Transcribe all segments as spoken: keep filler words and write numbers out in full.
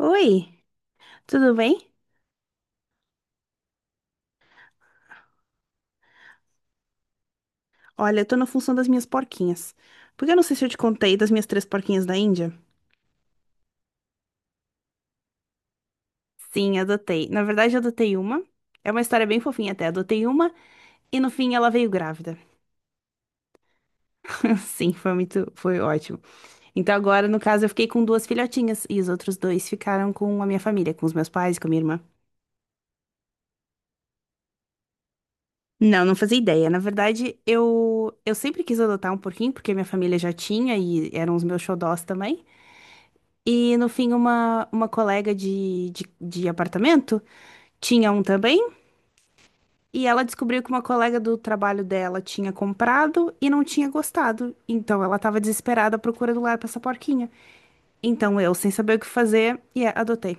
Oi, tudo bem? Olha, eu tô na função das minhas porquinhas. Porque eu não sei se eu te contei das minhas três porquinhas da Índia. Sim, adotei. Na verdade, eu adotei uma. É uma história bem fofinha até. Adotei uma e no fim ela veio grávida. Sim, foi muito, foi ótimo. Então agora, no caso, eu fiquei com duas filhotinhas e os outros dois ficaram com a minha família, com os meus pais, com a minha irmã. Não, não fazia ideia. Na verdade, eu eu sempre quis adotar um porquinho porque minha família já tinha e eram os meus xodós também. E no fim, uma, uma colega de, de, de apartamento tinha um também. E ela descobriu que uma colega do trabalho dela tinha comprado e não tinha gostado. Então ela tava desesperada à procura do lar pra essa porquinha. Então eu, sem saber o que fazer, e é, adotei.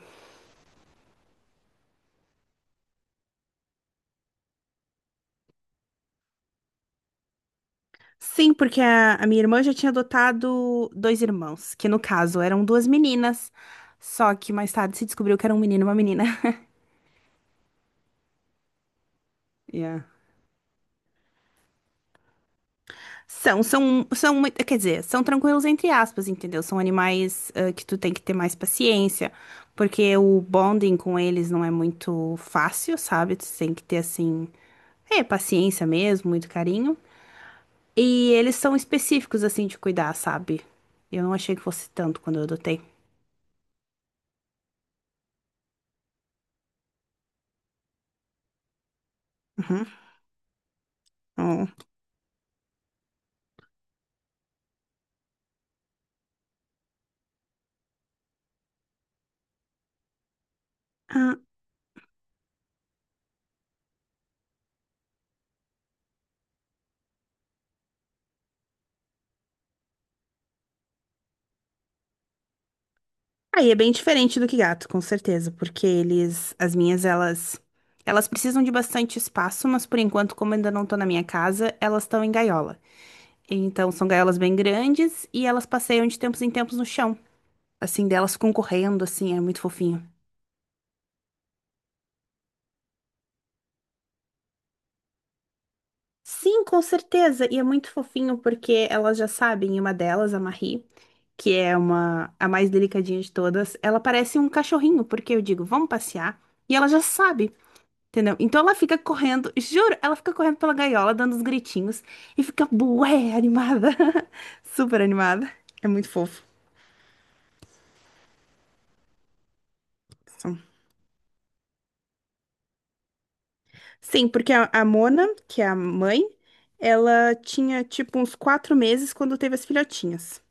Sim, porque a, a minha irmã já tinha adotado dois irmãos, que no caso eram duas meninas. Só que mais tarde se descobriu que era um menino e uma menina. Yeah. São, são, são, muito- quer dizer, são tranquilos entre aspas, entendeu? São animais, ah, que tu tem que ter mais paciência, porque o bonding com eles não é muito fácil, sabe? Tu tem que ter, assim, é, paciência mesmo, muito carinho. E eles são específicos, assim, de cuidar, sabe? Eu não achei que fosse tanto quando eu adotei. Uhum. Hum. Ah, aí é bem diferente do que gato, com certeza, porque eles, as minhas, elas, elas precisam de bastante espaço, mas por enquanto, como ainda não tô na minha casa, elas estão em gaiola. Então, são gaiolas bem grandes e elas passeiam de tempos em tempos no chão. Assim, delas ficam correndo, assim, é muito fofinho. Sim, com certeza. E é muito fofinho porque elas já sabem, e uma delas, a Marie, que é uma a mais delicadinha de todas, ela parece um cachorrinho, porque eu digo, vamos passear, e ela já sabe, entendeu? Então ela fica correndo, juro, ela fica correndo pela gaiola, dando uns gritinhos, e fica bué animada. Super animada. É muito fofo. São Sim, porque a, a Mona, que é a mãe, ela tinha tipo uns quatro meses quando teve as filhotinhas.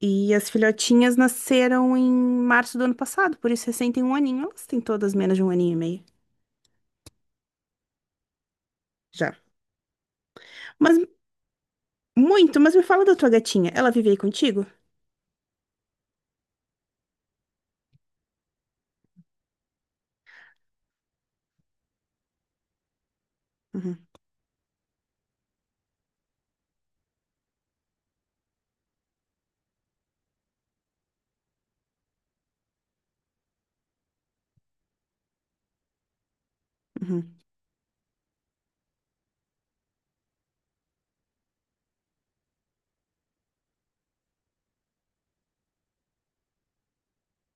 E as filhotinhas nasceram em março do ano passado, por isso recém tem um aninho. Elas têm todas menos de um aninho e meio já. Mas muito, mas me fala da tua gatinha. Ela vive aí contigo? Uhum, uhum,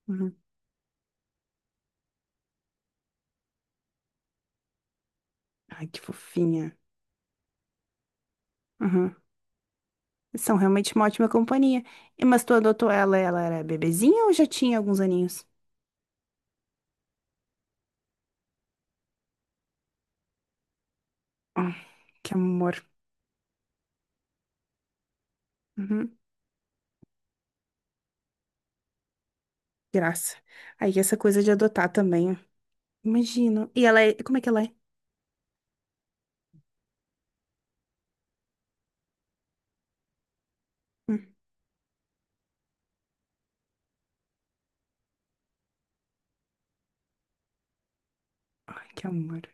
uhum. Ai, que fofinha. Uhum. São realmente uma ótima companhia. E, mas tu adotou ela, ela era bebezinha ou já tinha alguns aninhos? Ah, que amor. Uhum. Graça. Aí essa coisa de adotar também. Imagino. E ela é. Como é que ela é? Hum. Ai, que amor.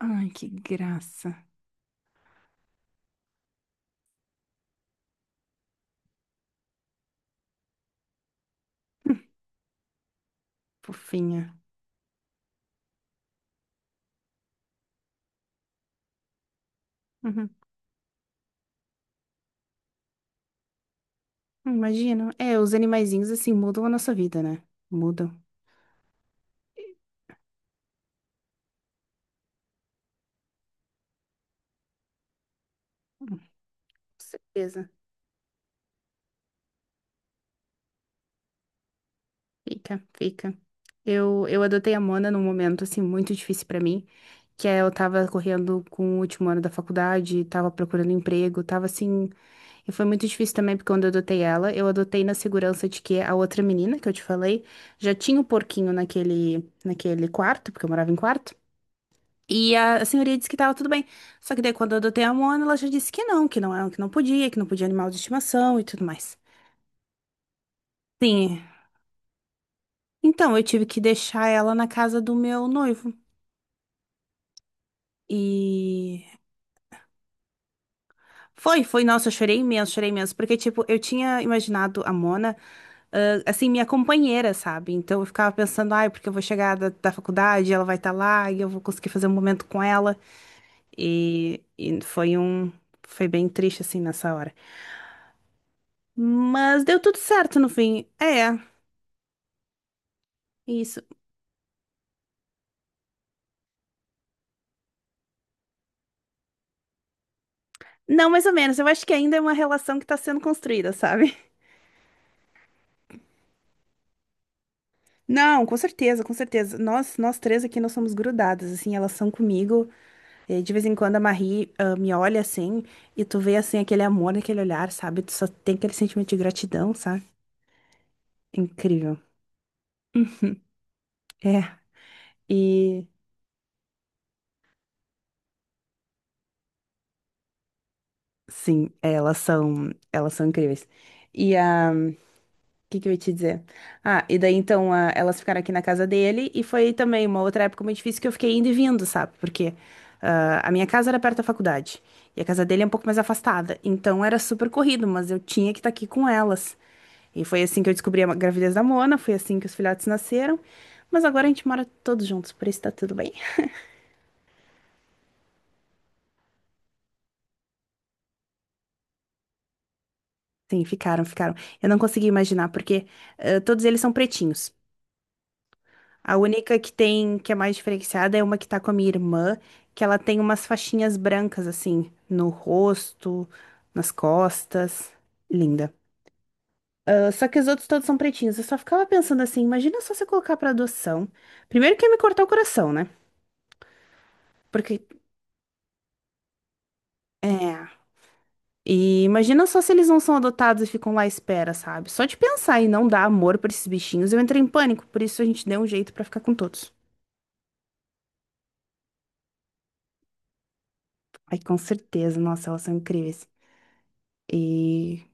Ai, que graça. Hum, Fofinha. Uhum. Imagino. É, os animaizinhos assim mudam a nossa vida, né? Mudam. Hum, Com certeza. Fica, fica. Eu, eu adotei a Mona num momento assim muito difícil pra mim, que é eu tava correndo com o último ano da faculdade, tava procurando emprego, tava assim. E foi muito difícil também, porque quando eu adotei ela, eu adotei na segurança de que a outra menina que eu te falei já tinha o porquinho naquele, naquele quarto, porque eu morava em quarto. E a, a senhoria disse que tava tudo bem. Só que daí quando eu adotei a Mona, ela já disse que não, que não é, que não podia, que não podia animal de estimação e tudo mais. Sim. Então, eu tive que deixar ela na casa do meu noivo. E Foi, foi, nossa, eu chorei imenso, chorei imenso, porque, tipo, eu tinha imaginado a Mona, ah, assim, minha companheira, sabe? Então eu ficava pensando, ai, porque eu vou chegar da, da faculdade, ela vai estar lá e eu vou conseguir fazer um momento com ela. E, e foi um, foi bem triste, assim, nessa hora. Mas deu tudo certo no fim. É, isso. Não, mais ou menos, eu acho que ainda é uma relação que tá sendo construída, sabe? Não, com certeza, com certeza. Nós, nós três aqui, nós somos grudadas, assim, elas são comigo. E de vez em quando a Marie, ah, me olha assim e tu vê assim aquele amor naquele olhar, sabe? Tu só tem aquele sentimento de gratidão, sabe? Incrível. É, e sim, elas são, elas são incríveis. E a que que eu ia te dizer? Ah, e daí então a- elas ficaram aqui na casa dele e foi também uma outra época muito difícil que eu fiquei indo e vindo, sabe? Porque ah, a minha casa era perto da faculdade e a casa dele é um pouco mais afastada, então era super corrido, mas eu tinha que estar aqui com elas. E foi assim que eu descobri a gravidez da Mona, foi assim que os filhotes nasceram, mas agora a gente mora todos juntos, por isso tá tudo bem. Sim, ficaram, ficaram. Eu não consegui imaginar, porque ah, todos eles são pretinhos. A única que tem, que é mais diferenciada, é uma que tá com a minha irmã, que ela tem umas faixinhas brancas, assim, no rosto, nas costas. Linda. Ah, só que os outros todos são pretinhos. Eu só ficava pensando assim, imagina só você colocar pra adoção. Primeiro que ia me cortar o coração, né? Porque, é... E imagina só se eles não são adotados e ficam lá à espera, sabe? Só de pensar em não dar amor pra esses bichinhos, eu entrei em pânico. Por isso a gente deu um jeito pra ficar com todos. Ai, com certeza. Nossa, elas são incríveis. E...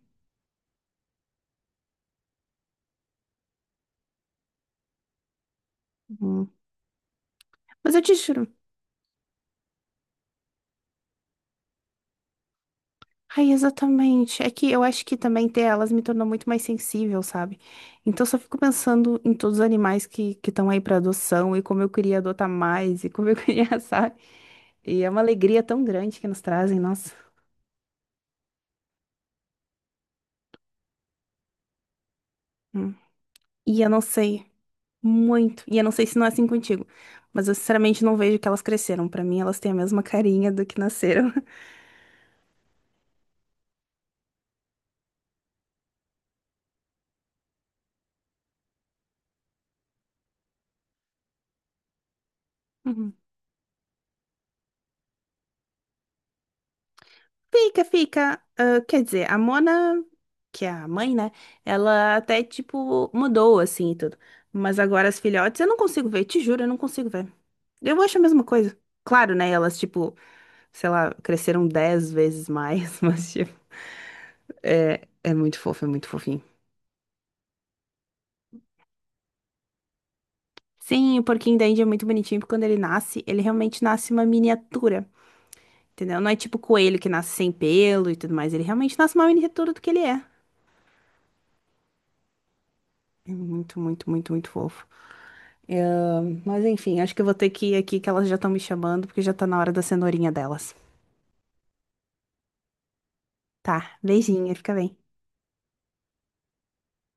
hum, Mas eu te juro. Ai, exatamente. É que eu acho que também ter elas me tornou muito mais sensível, sabe? Então eu só fico pensando em todos os animais que que estão aí pra adoção e como eu queria adotar mais e como eu queria, sabe? E é uma alegria tão grande que nos trazem, nossa. Hum. E eu não sei muito. E eu não sei se não é assim contigo. Mas eu sinceramente não vejo que elas cresceram. Pra mim, elas têm a mesma carinha do que nasceram. Fica, fica. Ah, quer dizer, a Mona, que é a mãe, né? Ela até, tipo, mudou, assim, e tudo. Mas agora as filhotes eu não consigo ver, te juro, eu não consigo ver. Eu acho a mesma coisa. Claro, né? Elas, tipo, sei lá, cresceram dez vezes mais, mas, tipo, é, é muito fofo, é muito fofinho. Sim, o porquinho da Índia é muito bonitinho, porque quando ele nasce, ele realmente nasce uma miniatura, entendeu? Não é tipo coelho que nasce sem pelo e tudo mais, ele realmente nasce uma miniatura do que ele é. É muito, muito, muito, muito fofo. Ahn, mas enfim, acho que eu vou ter que ir aqui que elas já estão me chamando, porque já tá na hora da cenourinha delas. Tá, beijinho, fica bem.